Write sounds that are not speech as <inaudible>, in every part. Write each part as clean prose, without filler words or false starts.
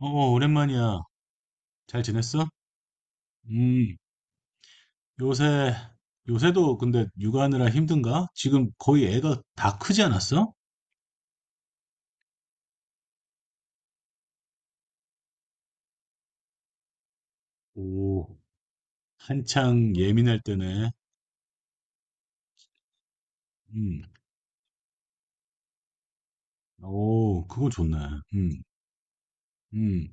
어, 어, 오랜만이야. 잘 지냈어? 음, 요새, 요새도 근데 육아하느라 힘든가? 지금 거의 애가 다 크지 않았어? 오, 한창 예민할 때네. 음, 오, 그거 좋네. 음, 음.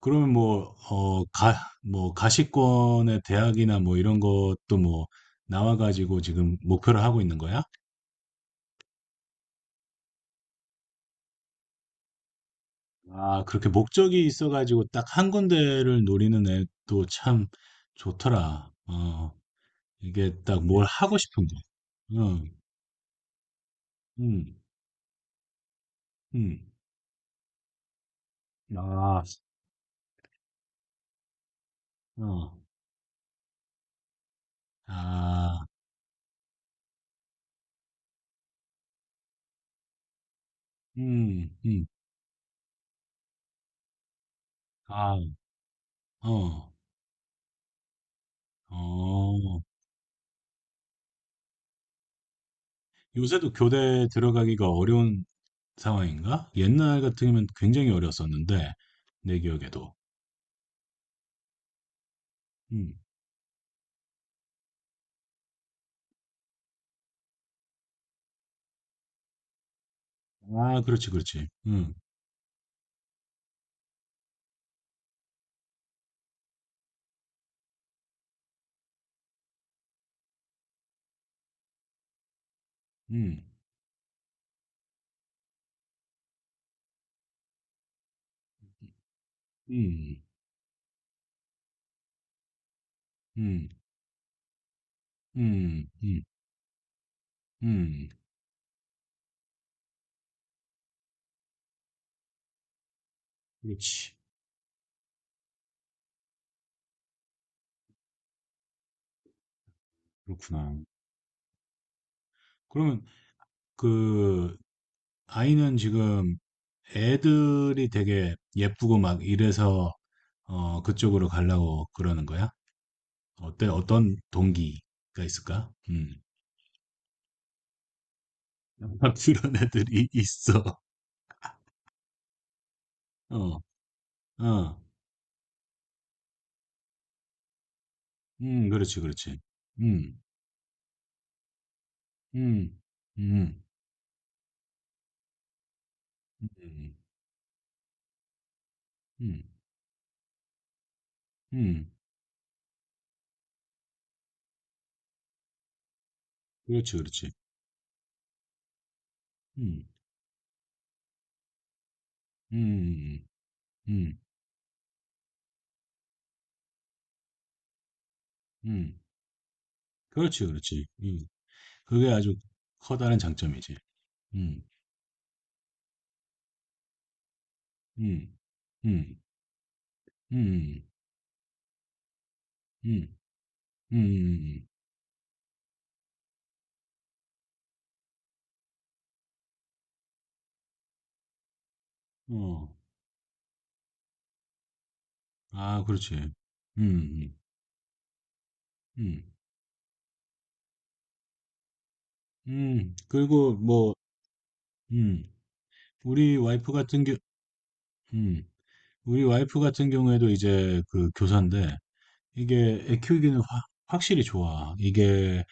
그러면 뭐, 어, 뭐, 가시권의 대학이나 뭐 이런 것도 뭐, 나와가지고 지금 목표를 하고 있는 거야? 아, 그렇게 목적이 있어가지고 딱 한 군데를 노리는 애도 참 좋더라. 어, 이게 딱 뭘 하고 싶은 거. 응, 응, 응. 아, 어, 아, 음, 음, 아, 어, 어. 요새도 교대 들어가기가 어려운 상황인가? 옛날 같으면 굉장히 어려웠었는데, 내 기억에도. 음. 아, 그렇지, 그렇지. 음, 음, 음, 음, 음, 음. 그렇지. 그렇구나. 그러면 그 아이는 지금 애들이 되게 예쁘고 막 이래서 어, 그쪽으로 가려고 그러는 거야? 어때? 어떤 동기가 있을까? 음. <laughs> 그런 애들이 있어. 어, 어, 그렇지, 그렇지. 음, 음, 음, 음, 음, 음, 음. 그렇지, 그렇지. 음, 음, 음, 음, 음. 그렇지, 그렇지. 그게 아주 커다란 장점이지. 음, 음, 음, 음, 음. 음. 음 음, 어. 아 그렇지. 음. 음. 음. 그리고 뭐 음. 우리 와이프 같은 경우 음. 우리 와이프 같은 경우에도 이제 그 교사인데 이게 애 키우기는 확 확실히 좋아. 이게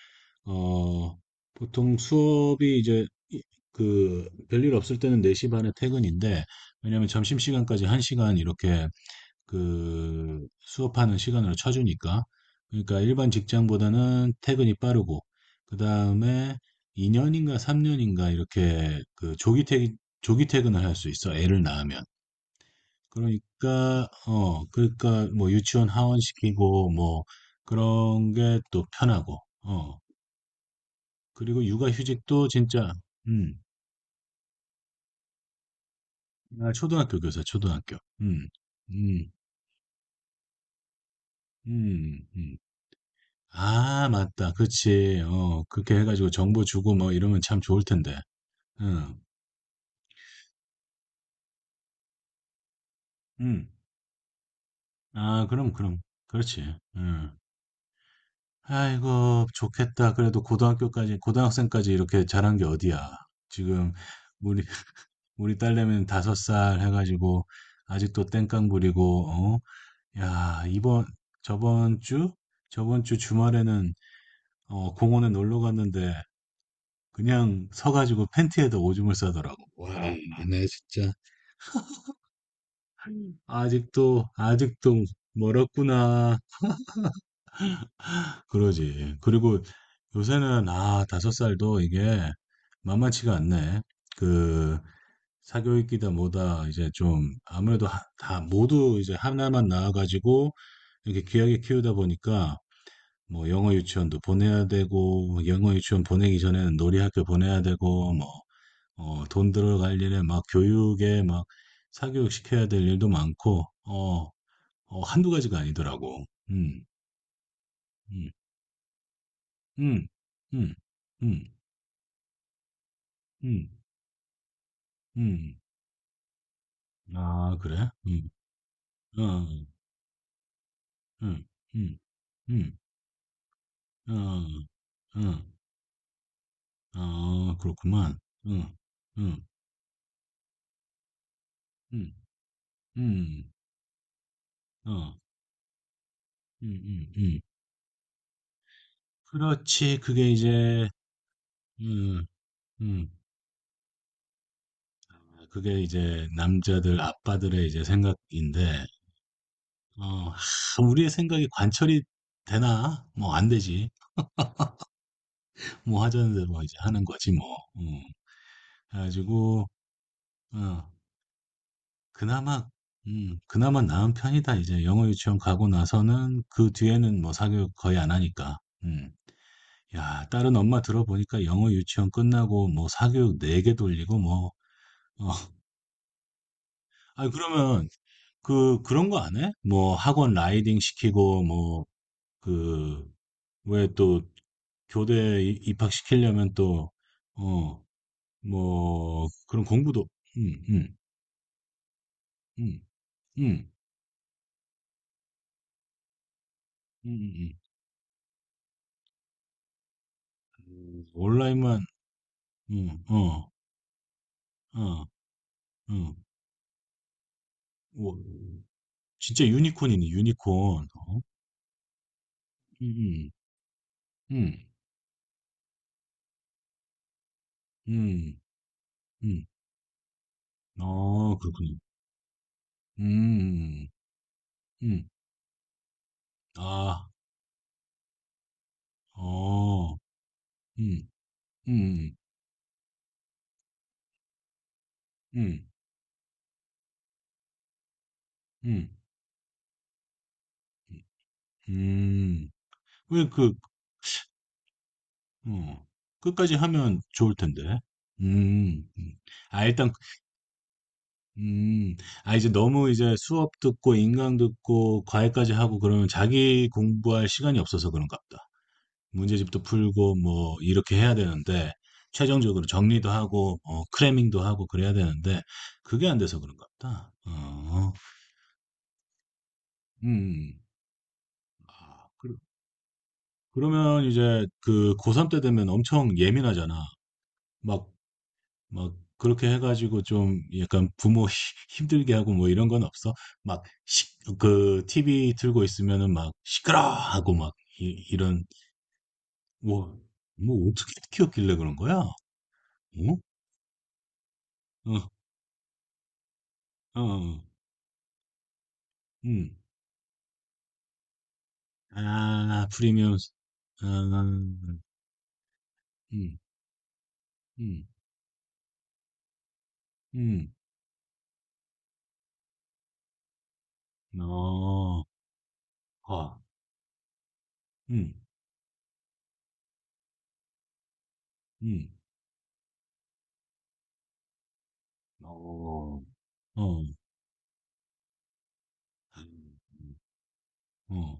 어 보통 수업이 그 별일 없을 때는 4시 반에 퇴근인데 왜냐면 점심시간까지 1시간 이렇게 그 수업하는 시간으로 쳐주니까. 그러니까 일반 직장보다는 퇴근이 빠르고, 그 다음에 2년인가 3년인가 이렇게 그 조기 퇴근을 할 수 있어. 애를 낳으면. 그러니까, 어, 그러니까 뭐 유치원 하원시키고 뭐 그런 게 또 편하고, 어. 그리고 육아휴직도 진짜, 음, 아, 초등학교 교사, 초등학교. 음, 음, 음, 음. 아, 맞다. 그치. 어, 그렇게 해가지고 정보 주고 뭐 이러면 참 좋을 텐데. 응, 응. 아, 그럼, 그럼. 그렇지. 응. 아이고, 좋겠다. 그래도 고등학교까지, 고등학생까지 이렇게 잘한 게 어디야. 지금, 우리, <laughs> 우리 딸내미는 5살 해가지고, 아직도 땡깡 부리고, 어? 야, 이번, 저번 주? 저번 주 주말에는, 어, 공원에 놀러 갔는데, 그냥 서가지고 팬티에다 오줌을 싸더라고. 와, 얘네 진짜. 음. 아직도, 아직도 멀었구나. 그러지. 그리고 요새는, 아, 5살도 이게 만만치가 않네. 그, 사교육이다 뭐다, 이제 좀, 아무래도 다 모두 이제 하나만 나와가지고, 이렇게 귀하게 키우다 보니까, 뭐, 영어 유치원도 보내야 되고, 뭐 영어 유치원 보내기 전에는 놀이학교 보내야 되고, 뭐, 어, 돈 들어갈 일에 막 교육에 막 사교육 시켜야 될 일도 많고, 어, 어, 한두 가지가 아니더라고. 음, 음, 음, 음, 음, 음, 음. 아, 그래? 어, 음, 음, 음, 어, 응, 아, 그렇구만. 응, 응, 응, 응, 어, 응, 응, 응. 그렇지. 그게 이제, 음 음 그게 이제 남자들, 아빠들의 이제 생각인데, 어, 하, 우리의 생각이 관철이 되나? 뭐, 안 되지. 뭐 하자는 대로 이제 하는 거지 뭐. 음. 그래 가지고 어 그나마 그나마 나은 편이다. 이제 영어 유치원 가고 나서는 그 뒤에는 뭐 사교육 거의 안 하니까. 음. 야, 다른 엄마 들어보니까 영어 유치원 끝나고 뭐 사교육 4개 돌리고 뭐 어. 아 그러면 그 그런 거 안 해? 뭐 학원 라이딩 시키고 뭐 그 왜 또 교대 입학시키려면 또 어 뭐 그런 공부도 음, 음, 음. 응, 응, 응, 응. 온라인만, 어, 어, 어, 오, 진짜 유니콘이네, 유니콘. 어? 응, 응, 응, 응. 응. 어, 그렇군요. 음, 음, 아, 어, 음, 음, 음, 음, 음. 왜 그, 어, 끝까지 하면 좋을 텐데. 음, 음. 아, 일단 음, 아, 이제 너무 이제 수업 듣고 인강 듣고 과외까지 하고 그러면 자기 공부할 시간이 없어서 그런가 보다. 문제집도 풀고 뭐 이렇게 해야 되는데 최종적으로 정리도 하고 어, 크래밍도 하고 그래야 되는데 그게 안 돼서 그런가 보다. 어, 음. 아, 그, 그러면 이제 그 고3 때 되면 엄청 예민하잖아. 막 막 그렇게 해가지고 좀 약간 부모 <laughs> 힘들게 하고 뭐 이런 건 없어? 막 그 TV 틀고 있으면은 막 시끄러 하고 막 이런 뭐, 뭐 어떻게 키웠길래 그런 거야? 어? 어, 어, 어. 음, 아 프리미엄, 아, 음, 음, 음. 어, 아, 음, 음, 어, 어, 음. 어,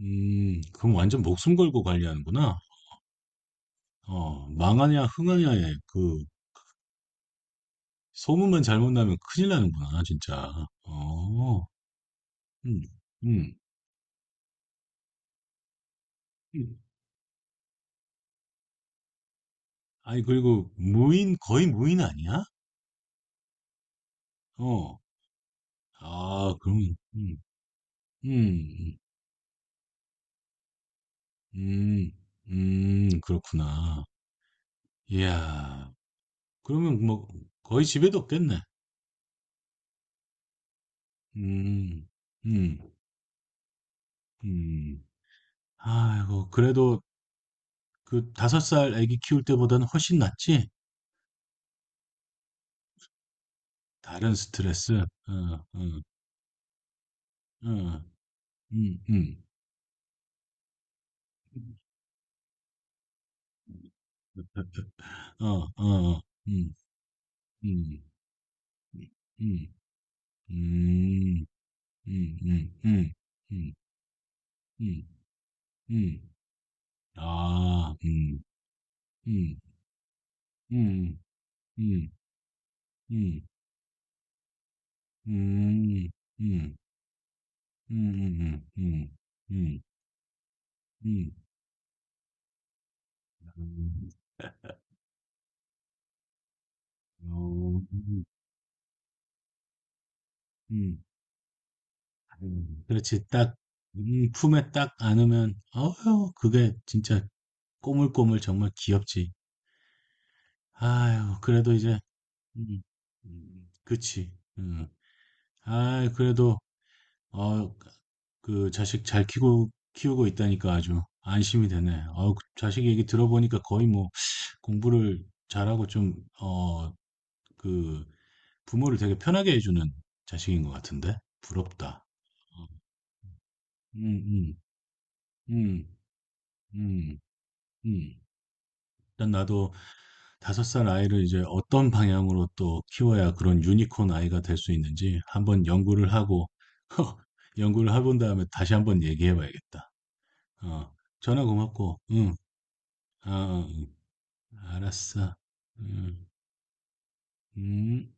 그럼 완전 목숨 걸고 관리하는구나. 어, 망하냐, 흥하냐에 그 소문만 잘못 나면 큰일 나는구나, 진짜. 어, 음, 음. 음. 아니, 그리고 무인, 거의 무인 아니야? 어, 아, 그러면, 음, 음, 그렇구나. 이야, 그러면 뭐, 거의 집에도 없겠네. 음, 음, 음. 아이고, 그래도 그 5살 아기 키울 때보다는 훨씬 낫지? 다른 스트레스. 어, 어. 응. 음. <laughs> 어, 어, 음, 음, 음, 음, 음, 음, 음, 음, 음, 음. 아, 음, 음, 음, 음, 음, 음, 음, 음, 음, 음, <laughs> 음. 어, 음, 그렇지. 딱, 품에 딱 안으면, 어휴, 그게 진짜 꼬물꼬물 정말 귀엽지. 아유, 그래도 이제 음. 음. 그치. 음. 아, 그래도 어, 그 자식 잘 키고 키우고 있다니까 아주 안심이 되네. 어, 그 자식 얘기 들어보니까 거의 뭐 공부를 잘하고 좀 어, 그 부모를 되게 편하게 해주는 자식인 것 같은데 부럽다. 어. 음, 음, 음, 음, 음. 일단 나도 5살 아이를 이제 어떤 방향으로 또 키워야 그런 유니콘 아이가 될 수 있는지 한번 연구를 하고 <laughs> 연구를 해본 다음에 다시 한번 얘기해 봐야겠다. 어, 전화 고맙고, 응, 아, 응, 알았어. 응 음.